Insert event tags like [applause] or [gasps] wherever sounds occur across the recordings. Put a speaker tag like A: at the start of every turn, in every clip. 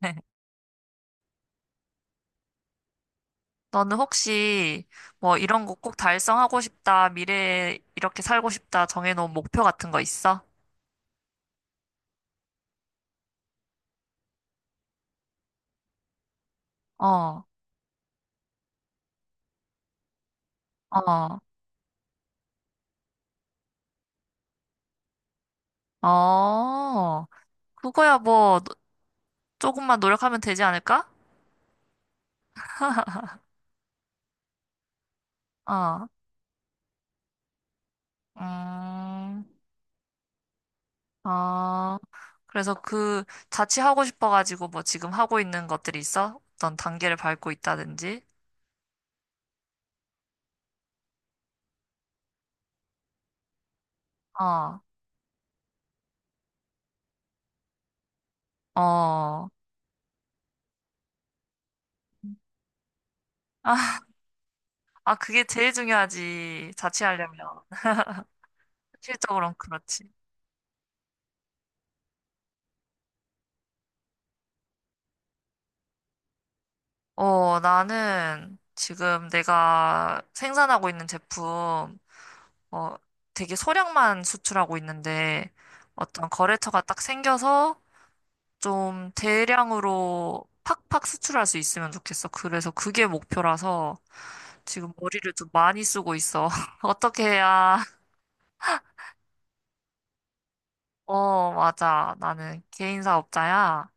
A: 네. 너는 혹시 뭐 이런 거 꼭 달성하고 싶다, 미래에 이렇게 살고 싶다 정해놓은 목표 같은 거 있어? 어, 어, 어. 그거야 뭐 조금만 노력하면 되지 않을까? 어, 음, 어. 그래서 그 자취하고 싶어가지고 뭐 지금 하고 있는 것들이 있어? 어떤 단계를 밟고 있다든지? 어, 어. [laughs] 아, 그게 제일 중요하지. 자취하려면. 실적으로는 그렇지. 어, 나는 지금 내가 생산하고 있는 제품, 어, 되게 소량만 수출하고 있는데 어떤 거래처가 딱 생겨서 좀 대량으로 팍팍 수출할 수 있으면 좋겠어. 그래서 그게 목표라서 지금 머리를 좀 많이 쓰고 있어. [laughs] 어떻게 해야? 어, 맞아. 나는 개인 사업자야.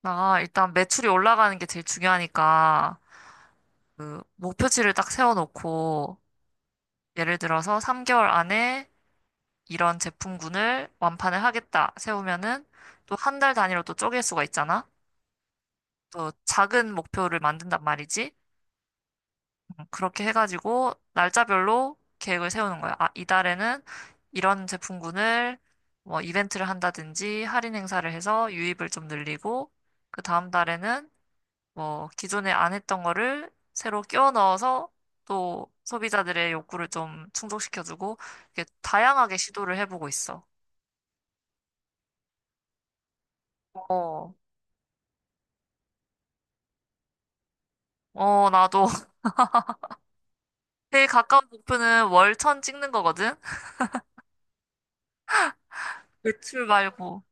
A: 나 일단 매출이 올라가는 게 제일 중요하니까 그 목표치를 딱 세워놓고 예를 들어서 3개월 안에 이런 제품군을 완판을 하겠다 세우면은 또 한 달 단위로 또 쪼갤 수가 있잖아. 또 작은 목표를 만든단 말이지. 그렇게 해가지고 날짜별로 계획을 세우는 거야. 아, 이달에는 이런 제품군을 뭐 이벤트를 한다든지 할인 행사를 해서 유입을 좀 늘리고 그 다음 달에는 뭐, 기존에 안 했던 거를 새로 끼워 넣어서 또 소비자들의 욕구를 좀 충족시켜주고, 이렇게 다양하게 시도를 해보고 있어. 어, 어, 나도. [laughs] 제일 가까운 목표는 월천 찍는 거거든? [laughs] 외출 말고.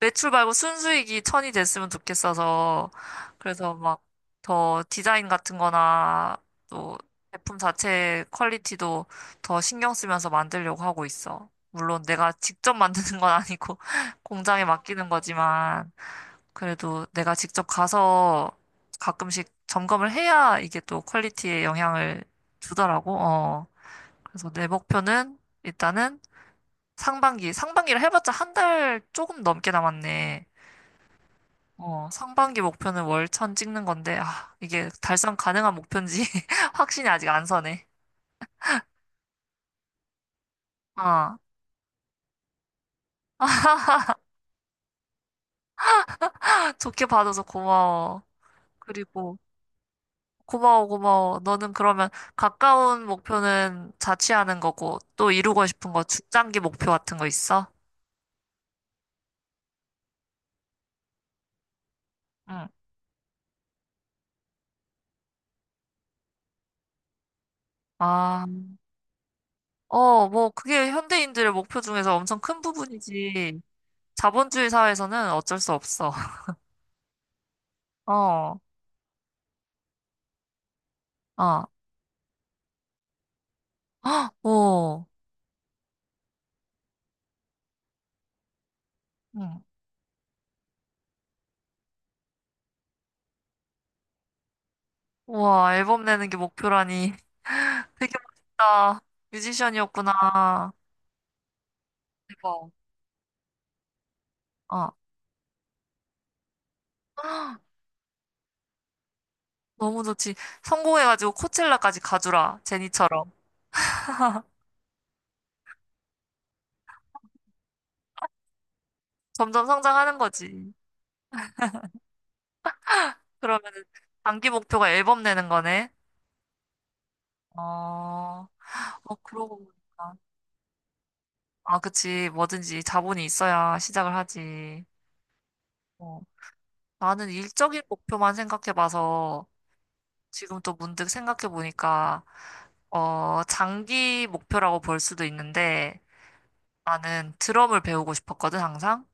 A: 매출 말고 순수익이 천이 됐으면 좋겠어서 그래서 막 더 디자인 같은 거나 또 제품 자체 퀄리티도 더 신경 쓰면서 만들려고 하고 있어. 물론 내가 직접 만드는 건 아니고 [laughs] 공장에 맡기는 거지만 그래도 내가 직접 가서 가끔씩 점검을 해야 이게 또 퀄리티에 영향을 주더라고. 어. 그래서 내 목표는 일단은 상반기를 해봤자 한 달 조금 넘게 남았네. 어, 상반기 목표는 월천 찍는 건데, 아, 이게 달성 가능한 목표인지 [laughs] 확신이 아직 안 서네. 아, 좋게 봐줘서 고마워. 그리고 고마워, 고마워. 너는 그러면 가까운 목표는 자취하는 거고, 또 이루고 싶은 거, 중장기 목표 같은 거 있어? 응. 아, 어, 뭐, 그게 현대인들의 목표 중에서 엄청 큰 부분이지. 자본주의 사회에서는 어쩔 수 없어. [laughs] 어, 아, 어, [gasps] 오, 응. 우와, 앨범 내는 게 목표라니. 되게 멋있다. 뮤지션이었구나. 대박. 어. [gasps] 너무 좋지. 성공해가지고 코첼라까지 가주라. 제니처럼. 점점 성장하는 거지. 그러면은 단기 목표가 앨범 내는 거네. 어, 어, 그러고 보니까. 아, 그치. 뭐든지 자본이 있어야 시작을 하지. 어. 나는 일적인 목표만 생각해봐서 지금 또 문득 생각해보니까, 어, 장기 목표라고 볼 수도 있는데, 나는 드럼을 배우고 싶었거든, 항상.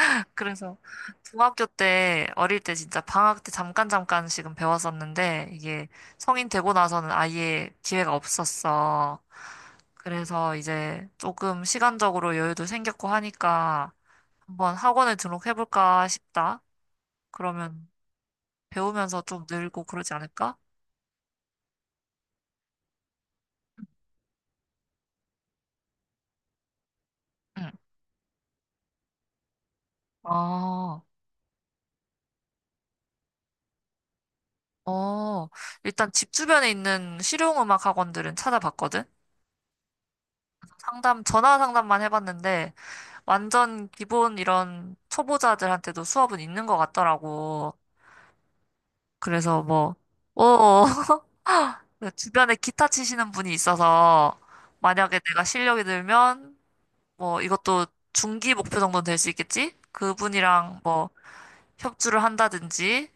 A: [laughs] 그래서 중학교 때, 어릴 때 진짜 방학 때 잠깐 잠깐씩은 배웠었는데, 이게 성인 되고 나서는 아예 기회가 없었어. 그래서 이제 조금 시간적으로 여유도 생겼고 하니까 한번 학원에 등록해볼까 싶다. 그러면 배우면서 좀 늘고 그러지 않을까? 응. 아, 어, 일단 집 주변에 있는 실용음악 학원들은 찾아봤거든? 전화 상담만 해봤는데, 완전 기본 이런 초보자들한테도 수업은 있는 것 같더라고. 그래서 뭐, 어, [laughs] 주변에 기타 치시는 분이 있어서 만약에 내가 실력이 늘면 뭐 이것도 중기 목표 정도는 될 수 있겠지? 그분이랑 뭐 협주를 한다든지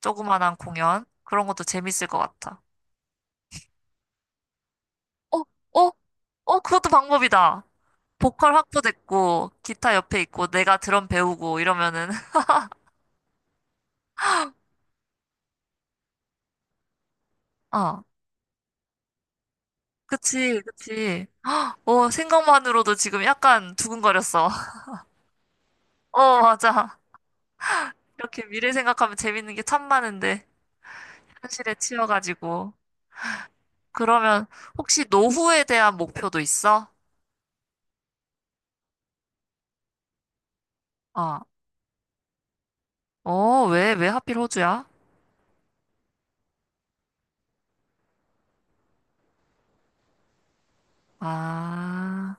A: 조그만한 공연 그런 것도 재밌을 것 같아. 어, 어, 어, 그것도 방법이다. 보컬 확보됐고 기타 옆에 있고 내가 드럼 배우고 이러면은 [laughs] 어, 그치, 그치. 어, 생각만으로도 지금 약간 두근거렸어. [laughs] 어, 맞아. 이렇게 미래 생각하면 재밌는 게 참 많은데, 현실에 치여가지고. 그러면 혹시 노후에 대한 목표도 있어? 어, 어, 왜 하필 호주야? 아,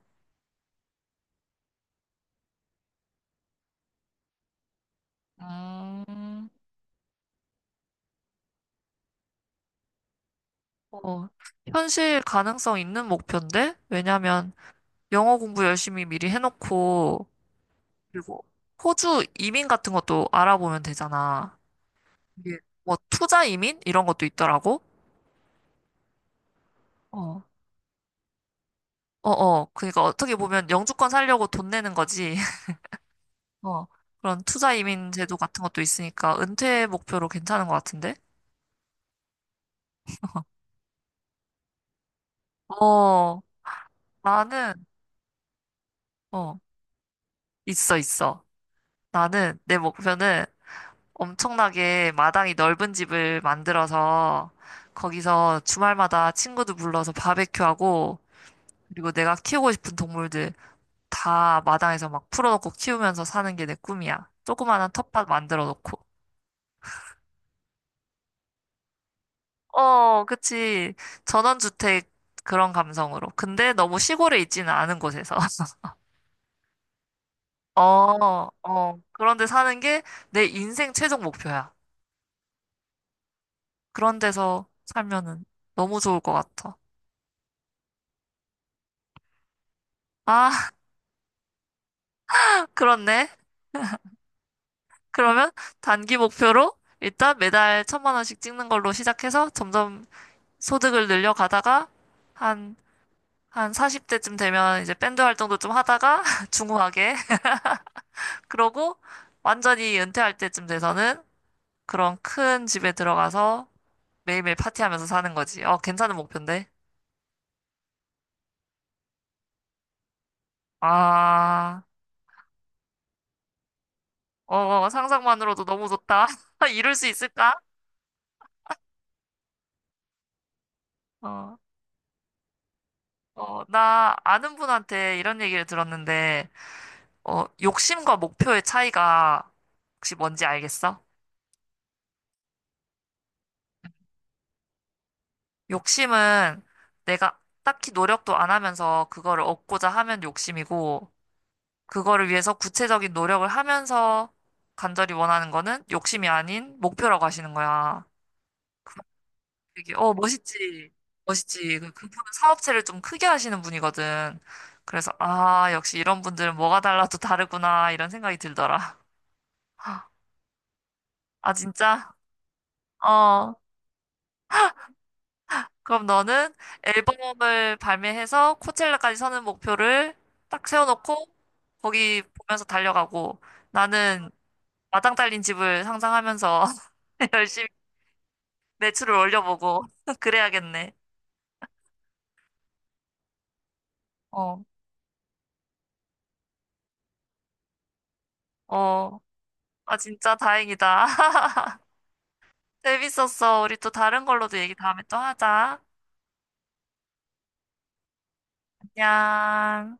A: 음, 어, 현실 가능성 있는 목표인데? 왜냐면 영어 공부 열심히 미리 해놓고, 그리고 호주 이민 같은 것도 알아보면 되잖아. 이게 뭐 투자 이민? 이런 것도 있더라고. 어. 어어. 그러니까 어떻게 보면 영주권 살려고 돈 내는 거지. [laughs] 어. 그런 투자 이민 제도 같은 것도 있으니까 은퇴 목표로 괜찮은 것 같은데? 어. 나는 어. 있어 있어. 나는 내 목표는 엄청나게 마당이 넓은 집을 만들어서 거기서 주말마다 친구들 불러서 바베큐하고 그리고 내가 키우고 싶은 동물들 다 마당에서 막 풀어놓고 키우면서 사는 게 내 꿈이야. 조그마한 텃밭 만들어 놓고. 어, 그치. 전원주택 그런 감성으로. 근데 너무 시골에 있지는 않은 곳에서. [laughs] 어, 어. 그런데 사는 게 내 인생 최종 목표야. 그런 데서 살면은 너무 좋을 것 같아. 아, [laughs] 그렇네. 그러면 단기 목표로 일단 매달 1,000만 원씩 찍는 걸로 시작해서 점점 소득을 늘려가다가 한, 한 40대쯤 되면 이제 밴드 활동도 좀 하다가 [laughs] 중후하게. [laughs] 그러고 완전히 은퇴할 때쯤 돼서는 그런 큰 집에 들어가서 매일매일 파티하면서 사는 거지. 어, 괜찮은 목표인데? 아, 어, 어, 상상만으로도 너무 좋다. [laughs] 이룰 수 있을까? 어, 어, 나 아는 분한테 이런 얘기를 들었는데, 어, 욕심과 목표의 차이가 혹시 뭔지 알겠어? 욕심은 내가 딱히 노력도 안 하면서 그거를 얻고자 하면 욕심이고, 그거를 위해서 구체적인 노력을 하면서 간절히 원하는 거는 욕심이 아닌 목표라고 하시는 거야. 되게, 어, 멋있지. 멋있지. 그분은 사업체를 좀 크게 하시는 분이거든. 그래서, 아, 역시 이런 분들은 뭐가 달라도 다르구나, 이런 생각이 들더라. [laughs] 아, 진짜? 어. 그럼 너는 앨범을 발매해서 코첼라까지 서는 목표를 딱 세워놓고 거기 보면서 달려가고 나는 마당 딸린 집을 상상하면서 [laughs] 열심히 매출을 올려보고 [laughs] 그래야겠네. 어, 어. 아, 진짜 다행이다. [laughs] 재밌었어. 우리 또 다른 걸로도 얘기 다음에 또 하자. 안녕.